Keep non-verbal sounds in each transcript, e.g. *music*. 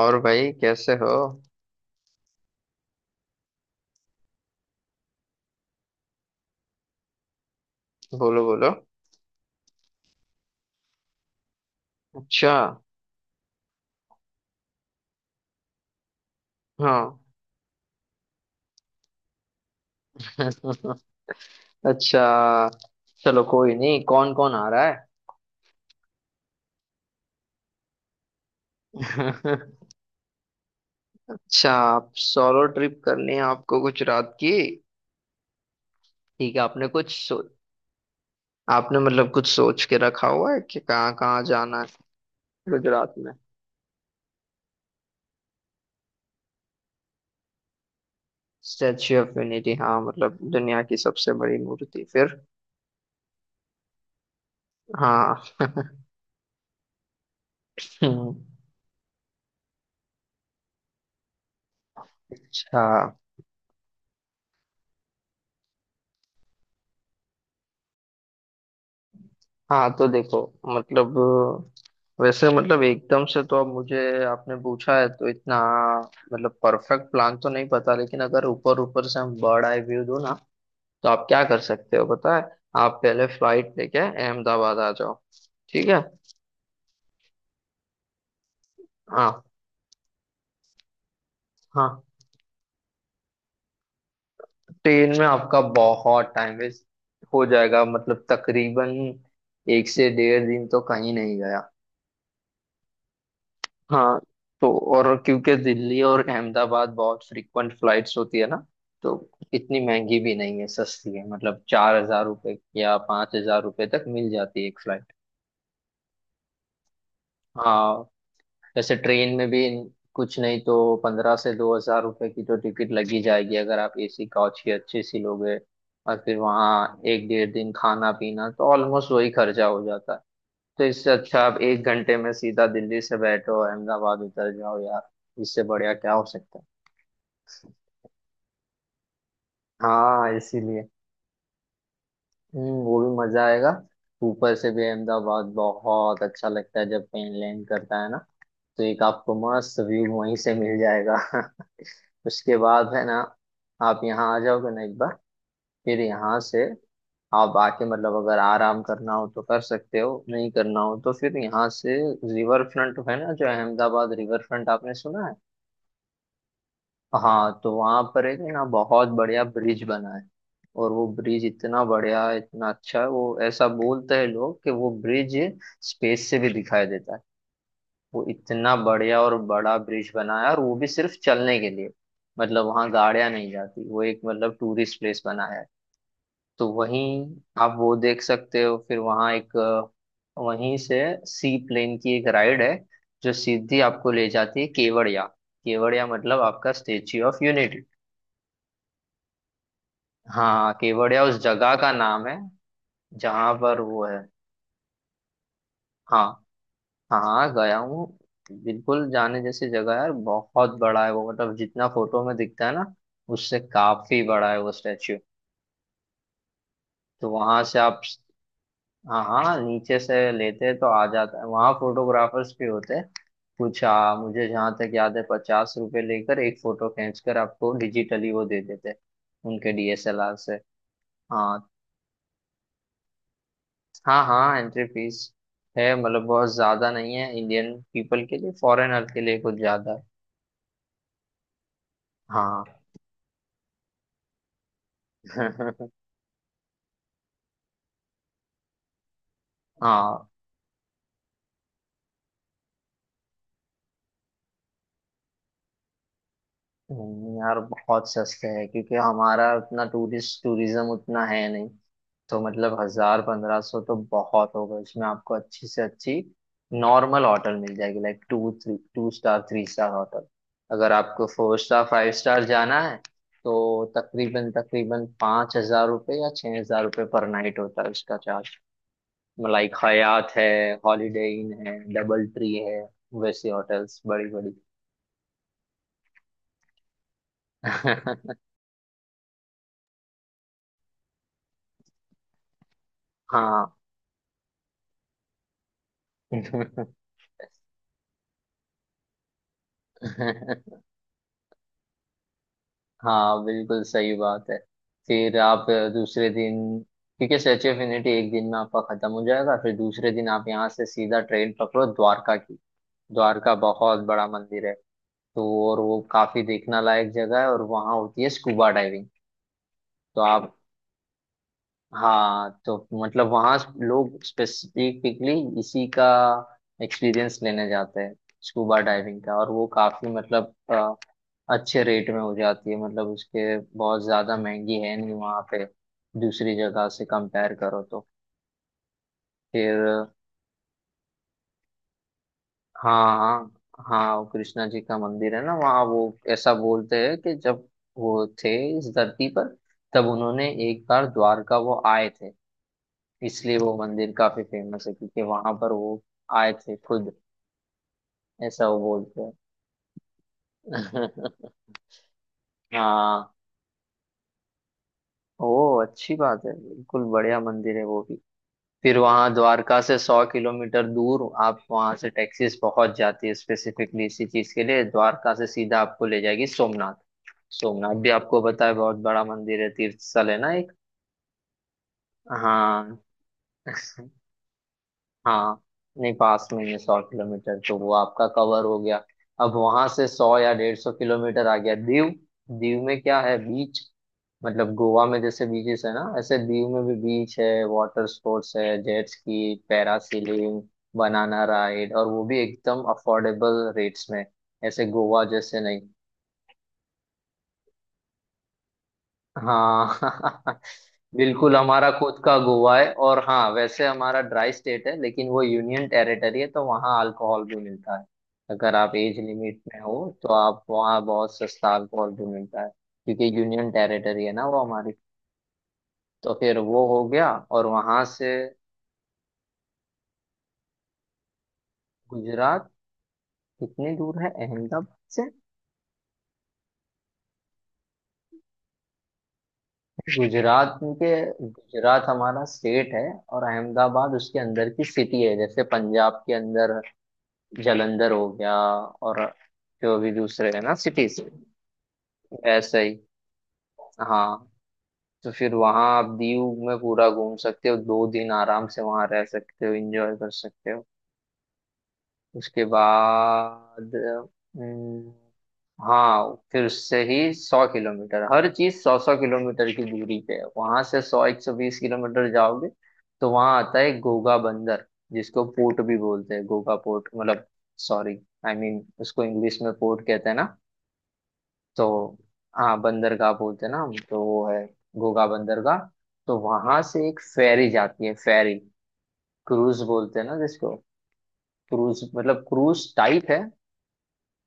और भाई कैसे हो। बोलो बोलो। अच्छा। हाँ। *laughs* अच्छा, चलो कोई नहीं, कौन कौन आ रहा है? *laughs* अच्छा, आप सोलो ट्रिप करनी है आपको गुजरात की? ठीक है, आपने कुछ आपने मतलब कुछ सोच के रखा हुआ है कि कहाँ कहाँ जाना है, गुजरात में? स्टैच्यू ऑफ यूनिटी, हाँ, मतलब दुनिया की सबसे बड़ी मूर्ति। फिर हाँ। *laughs* हम्म, अच्छा। हाँ तो देखो, मतलब वैसे मतलब एकदम से तो अब मुझे, आपने पूछा है तो इतना मतलब परफेक्ट प्लान तो नहीं पता, लेकिन अगर ऊपर ऊपर से हम बर्ड आई व्यू दो ना, तो आप क्या कर सकते हो पता है, आप पहले फ्लाइट लेके अहमदाबाद आ जाओ। ठीक है। हाँ। हाँ, ट्रेन में आपका बहुत टाइम वेस्ट हो जाएगा, मतलब तकरीबन एक से डेढ़ दिन तो कहीं नहीं गया। हाँ, तो और क्योंकि दिल्ली और अहमदाबाद बहुत फ्रीक्वेंट फ्लाइट्स होती है ना, तो इतनी महंगी भी नहीं है, सस्ती है, मतलब 4,000 रुपये या 5,000 रुपये तक मिल जाती है एक फ्लाइट। हाँ, जैसे ट्रेन में भी कुछ नहीं तो 1,500 से 2,000 रुपये की तो टिकट लगी जाएगी, अगर आप एसी कोच की अच्छी सी लोगे, और फिर वहाँ एक डेढ़ दिन खाना पीना, तो ऑलमोस्ट वही खर्चा हो जाता है। तो इससे अच्छा आप एक घंटे में सीधा दिल्ली से बैठो, अहमदाबाद उतर जाओ यार, इससे बढ़िया क्या हो सकता है। हाँ इसीलिए। हम्म, वो भी मजा आएगा, ऊपर से भी अहमदाबाद बहुत अच्छा लगता है जब प्लेन लैंड करता है ना, तो एक आपको मस्त व्यू वहीं से मिल जाएगा। *laughs* उसके बाद है ना, आप यहाँ आ जाओगे ना एक बार, फिर यहाँ से आप आके मतलब अगर आराम करना हो तो कर सकते हो, नहीं करना हो तो फिर यहाँ से रिवर फ्रंट है ना, जो अहमदाबाद रिवर फ्रंट, आपने सुना है? हाँ, तो वहां पर एक ना बहुत बढ़िया ब्रिज बना है, और वो ब्रिज इतना बढ़िया है, इतना अच्छा है वो, ऐसा बोलते हैं लोग कि वो ब्रिज स्पेस से भी दिखाई देता है। वो इतना बढ़िया और बड़ा ब्रिज बना है, और वो भी सिर्फ चलने के लिए, मतलब वहाँ गाड़ियां नहीं जाती, वो एक मतलब टूरिस्ट प्लेस बना है। तो वहीं आप वो देख सकते हो। फिर वहाँ एक, वहीं से सी प्लेन की एक राइड है, जो सीधी आपको ले जाती है केवड़िया, केवड़िया मतलब आपका स्टेच्यू ऑफ यूनिटी। हाँ केवड़िया उस जगह का नाम है जहां पर वो है। हाँ, हाँ गया हूँ। बिल्कुल जाने जैसी जगह है यार, बहुत बड़ा है वो, मतलब जितना फोटो में दिखता है ना, उससे काफी बड़ा है वो स्टैच्यू। तो वहां से आप, हाँ हाँ, नीचे से लेते हैं तो आ जाता है, वहाँ फोटोग्राफर्स भी होते हैं, कुछ मुझे जहाँ तक याद है 50 रुपए लेकर एक फोटो खींचकर आपको डिजिटली वो दे देते हैं, उनके डीएसएलआर से। हाँ। हाँ हाँ एंट्री फीस है, मतलब बहुत ज्यादा नहीं है इंडियन पीपल के लिए, फॉरेनर के लिए कुछ ज्यादा है। हाँ। *laughs* हाँ, नहीं यार बहुत सस्ते हैं, क्योंकि हमारा उतना टूरिस्ट टूरिज्म उतना है नहीं, तो मतलब 1,000 से 1,500 तो बहुत होगा, इसमें आपको अच्छी से अच्छी नॉर्मल होटल मिल जाएगी, like two three, two star three star hotel. अगर आपको फोर स्टार फाइव स्टार जाना है, तो तकरीबन तकरीबन 5,000 रुपये या 6,000 रुपये पर नाइट होता है उसका चार्ज। लाइक हयात है, हॉलीडे इन है, डबल ट्री है, वैसी होटल्स बड़ी बड़ी। *laughs* हाँ। *laughs* हाँ, बिल्कुल सही बात है। फिर आप दूसरे दिन, क्योंकि स्टैचू ऑफ यूनिटी एक दिन में आपका खत्म हो जाएगा, फिर दूसरे दिन आप यहाँ से सीधा ट्रेन पकड़ो द्वारका की। द्वारका बहुत बड़ा मंदिर है, तो, और वो काफी देखना लायक जगह है, और वहाँ होती है स्कूबा डाइविंग। तो आप, हाँ तो मतलब वहाँ लोग स्पेसिफिकली इसी का एक्सपीरियंस लेने जाते हैं, स्कूबा डाइविंग का, और वो काफी मतलब अच्छे रेट में हो जाती है, मतलब उसके बहुत ज्यादा महंगी है नहीं वहाँ पे, दूसरी जगह से कंपेयर करो तो। फिर, हाँ हाँ हाँ, वो कृष्णा जी का मंदिर है ना वहाँ, वो ऐसा बोलते हैं कि जब वो थे इस धरती पर, तब उन्होंने एक बार द्वारका वो आए थे, इसलिए वो मंदिर काफी फेमस है, क्योंकि वहां पर वो आए थे खुद, ऐसा वो बोलते हैं। *laughs* हाँ। ओ, अच्छी बात है, बिल्कुल बढ़िया मंदिर है वो भी। फिर वहां द्वारका से 100 किलोमीटर दूर, आप वहां से टैक्सीज पहुंच जाती है स्पेसिफिकली इसी चीज के लिए, द्वारका से सीधा आपको ले जाएगी सोमनाथ। सोमनाथ भी आपको पता है बहुत बड़ा मंदिर है, तीर्थ स्थल है ना एक। हाँ। *laughs* हाँ, नहीं पास में ही है, 100 किलोमीटर, तो वो आपका कवर हो गया। अब वहां से 100 या 150 किलोमीटर, आ गया दीव। दीव में क्या है, बीच, मतलब गोवा में जैसे बीचेस है ना, ऐसे दीव में भी बीच है, वाटर स्पोर्ट्स है, jet ski, parasailing, banana ride, और वो भी एकदम अफोर्डेबल रेट्स में, ऐसे गोवा जैसे नहीं। हाँ। *laughs* बिल्कुल हमारा खुद का गोवा है। और हाँ वैसे हमारा ड्राई स्टेट है, लेकिन वो यूनियन टेरिटरी है, तो वहाँ अल्कोहल भी मिलता है, अगर आप एज लिमिट में हो। तो आप वहाँ बहुत सस्ता अल्कोहल भी मिलता है, क्योंकि यूनियन टेरिटरी है ना वो हमारी। तो फिर वो हो गया, और वहाँ से, गुजरात कितनी दूर है अहमदाबाद से? गुजरात के, गुजरात हमारा स्टेट है, और अहमदाबाद उसके अंदर की सिटी है, जैसे पंजाब के अंदर जलंधर हो गया, और जो अभी दूसरे है ना सिटीज, वैसे ही। हाँ, तो फिर वहाँ आप दीव में पूरा घूम सकते हो, दो दिन आराम से वहाँ रह सकते हो, एंजॉय कर सकते हो। उसके बाद, हम्म, हाँ फिर उससे ही 100 किलोमीटर, हर चीज 100-100 किलोमीटर की दूरी पे है, वहां से 100-120 किलोमीटर जाओगे, तो वहां आता है घोघा बंदर, जिसको पोर्ट भी बोलते हैं, घोघा पोर्ट मतलब, सॉरी आई मीन उसको इंग्लिश में पोर्ट कहते हैं ना, तो, हाँ बंदरगाह बोलते हैं ना हम, तो वो है घूघा बंदरगाह। तो वहां से एक फेरी जाती है, फेरी, क्रूज बोलते हैं ना जिसको, क्रूज मतलब क्रूज टाइप है।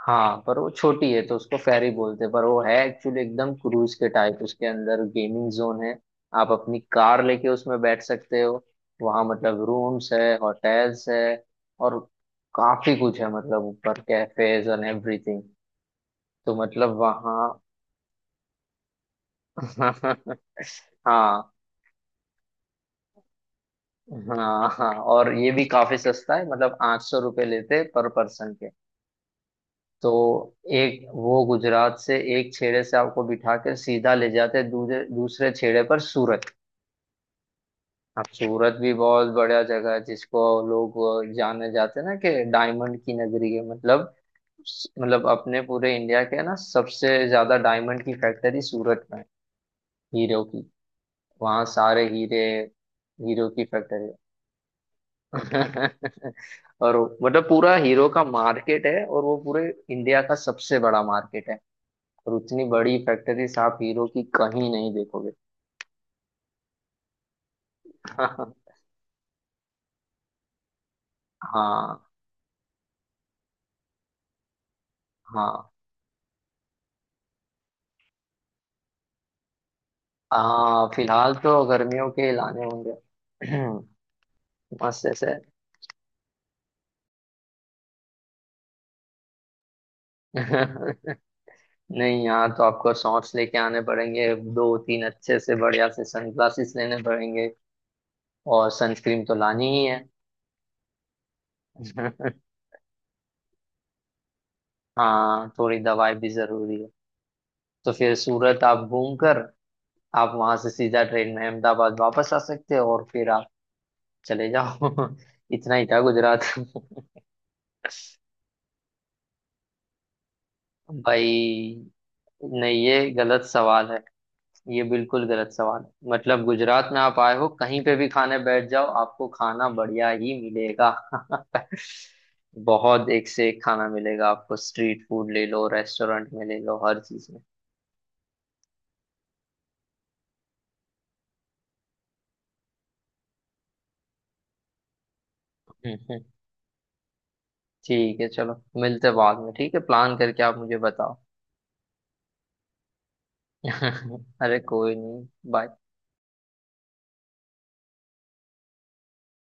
हाँ पर वो छोटी है तो उसको फेरी बोलते हैं, पर वो है एक्चुअली एकदम क्रूज के टाइप, उसके अंदर गेमिंग जोन है, आप अपनी कार लेके उसमें बैठ सकते हो, वहाँ मतलब रूम्स है, होटल्स है, और काफी कुछ है, मतलब ऊपर कैफेज एंड एवरीथिंग, तो मतलब वहाँ। *laughs* हाँ हाँ हाँ, और ये भी काफी सस्ता है, मतलब 800 रुपये लेते पर पर्सन के। तो एक वो गुजरात से एक छेड़े से आपको बिठा के सीधा ले जाते दूसरे दूसरे छेड़े पर, सूरत। अब सूरत भी बहुत बढ़िया जगह है, जिसको लोग जाने जाते हैं ना कि डायमंड की नगरी है, मतलब, मतलब अपने पूरे इंडिया के ना सबसे ज्यादा डायमंड की फैक्ट्री सूरत में है, हीरो की, वहाँ सारे हीरे, हीरो की फैक्ट्री। *laughs* और मतलब पूरा हीरो का मार्केट है, और वो पूरे इंडिया का सबसे बड़ा मार्केट है, और उतनी बड़ी फैक्ट्रीज आप हीरो की कहीं नहीं देखोगे। *laughs* हाँ। हाँ। हाँ फिलहाल तो गर्मियों के लाने होंगे, *clears throat* मस्त ऐसे। *laughs* नहीं यहाँ तो आपको शॉर्ट्स लेके आने पड़ेंगे, दो तीन अच्छे से बढ़िया से सनग्लासेस लेने पड़ेंगे, और सनस्क्रीन तो लानी ही है। *laughs* हाँ थोड़ी दवाई भी जरूरी है। तो फिर सूरत आप घूम कर आप वहां से सीधा ट्रेन में अहमदाबाद वापस आ सकते हो, और फिर आप चले जाओ। *laughs* इतना ही था गुजरात। *laughs* भाई, नहीं ये गलत सवाल है, ये बिल्कुल गलत सवाल है, मतलब गुजरात में आप आए हो कहीं पे भी खाने बैठ जाओ आपको खाना बढ़िया ही मिलेगा। *laughs* बहुत एक से एक खाना मिलेगा आपको, स्ट्रीट फूड ले लो, रेस्टोरेंट में ले लो, हर चीज में। *laughs* हम्म, हम्म। ठीक है चलो, मिलते बाद में, ठीक है, प्लान करके आप मुझे बताओ। *laughs* अरे कोई नहीं। बाय।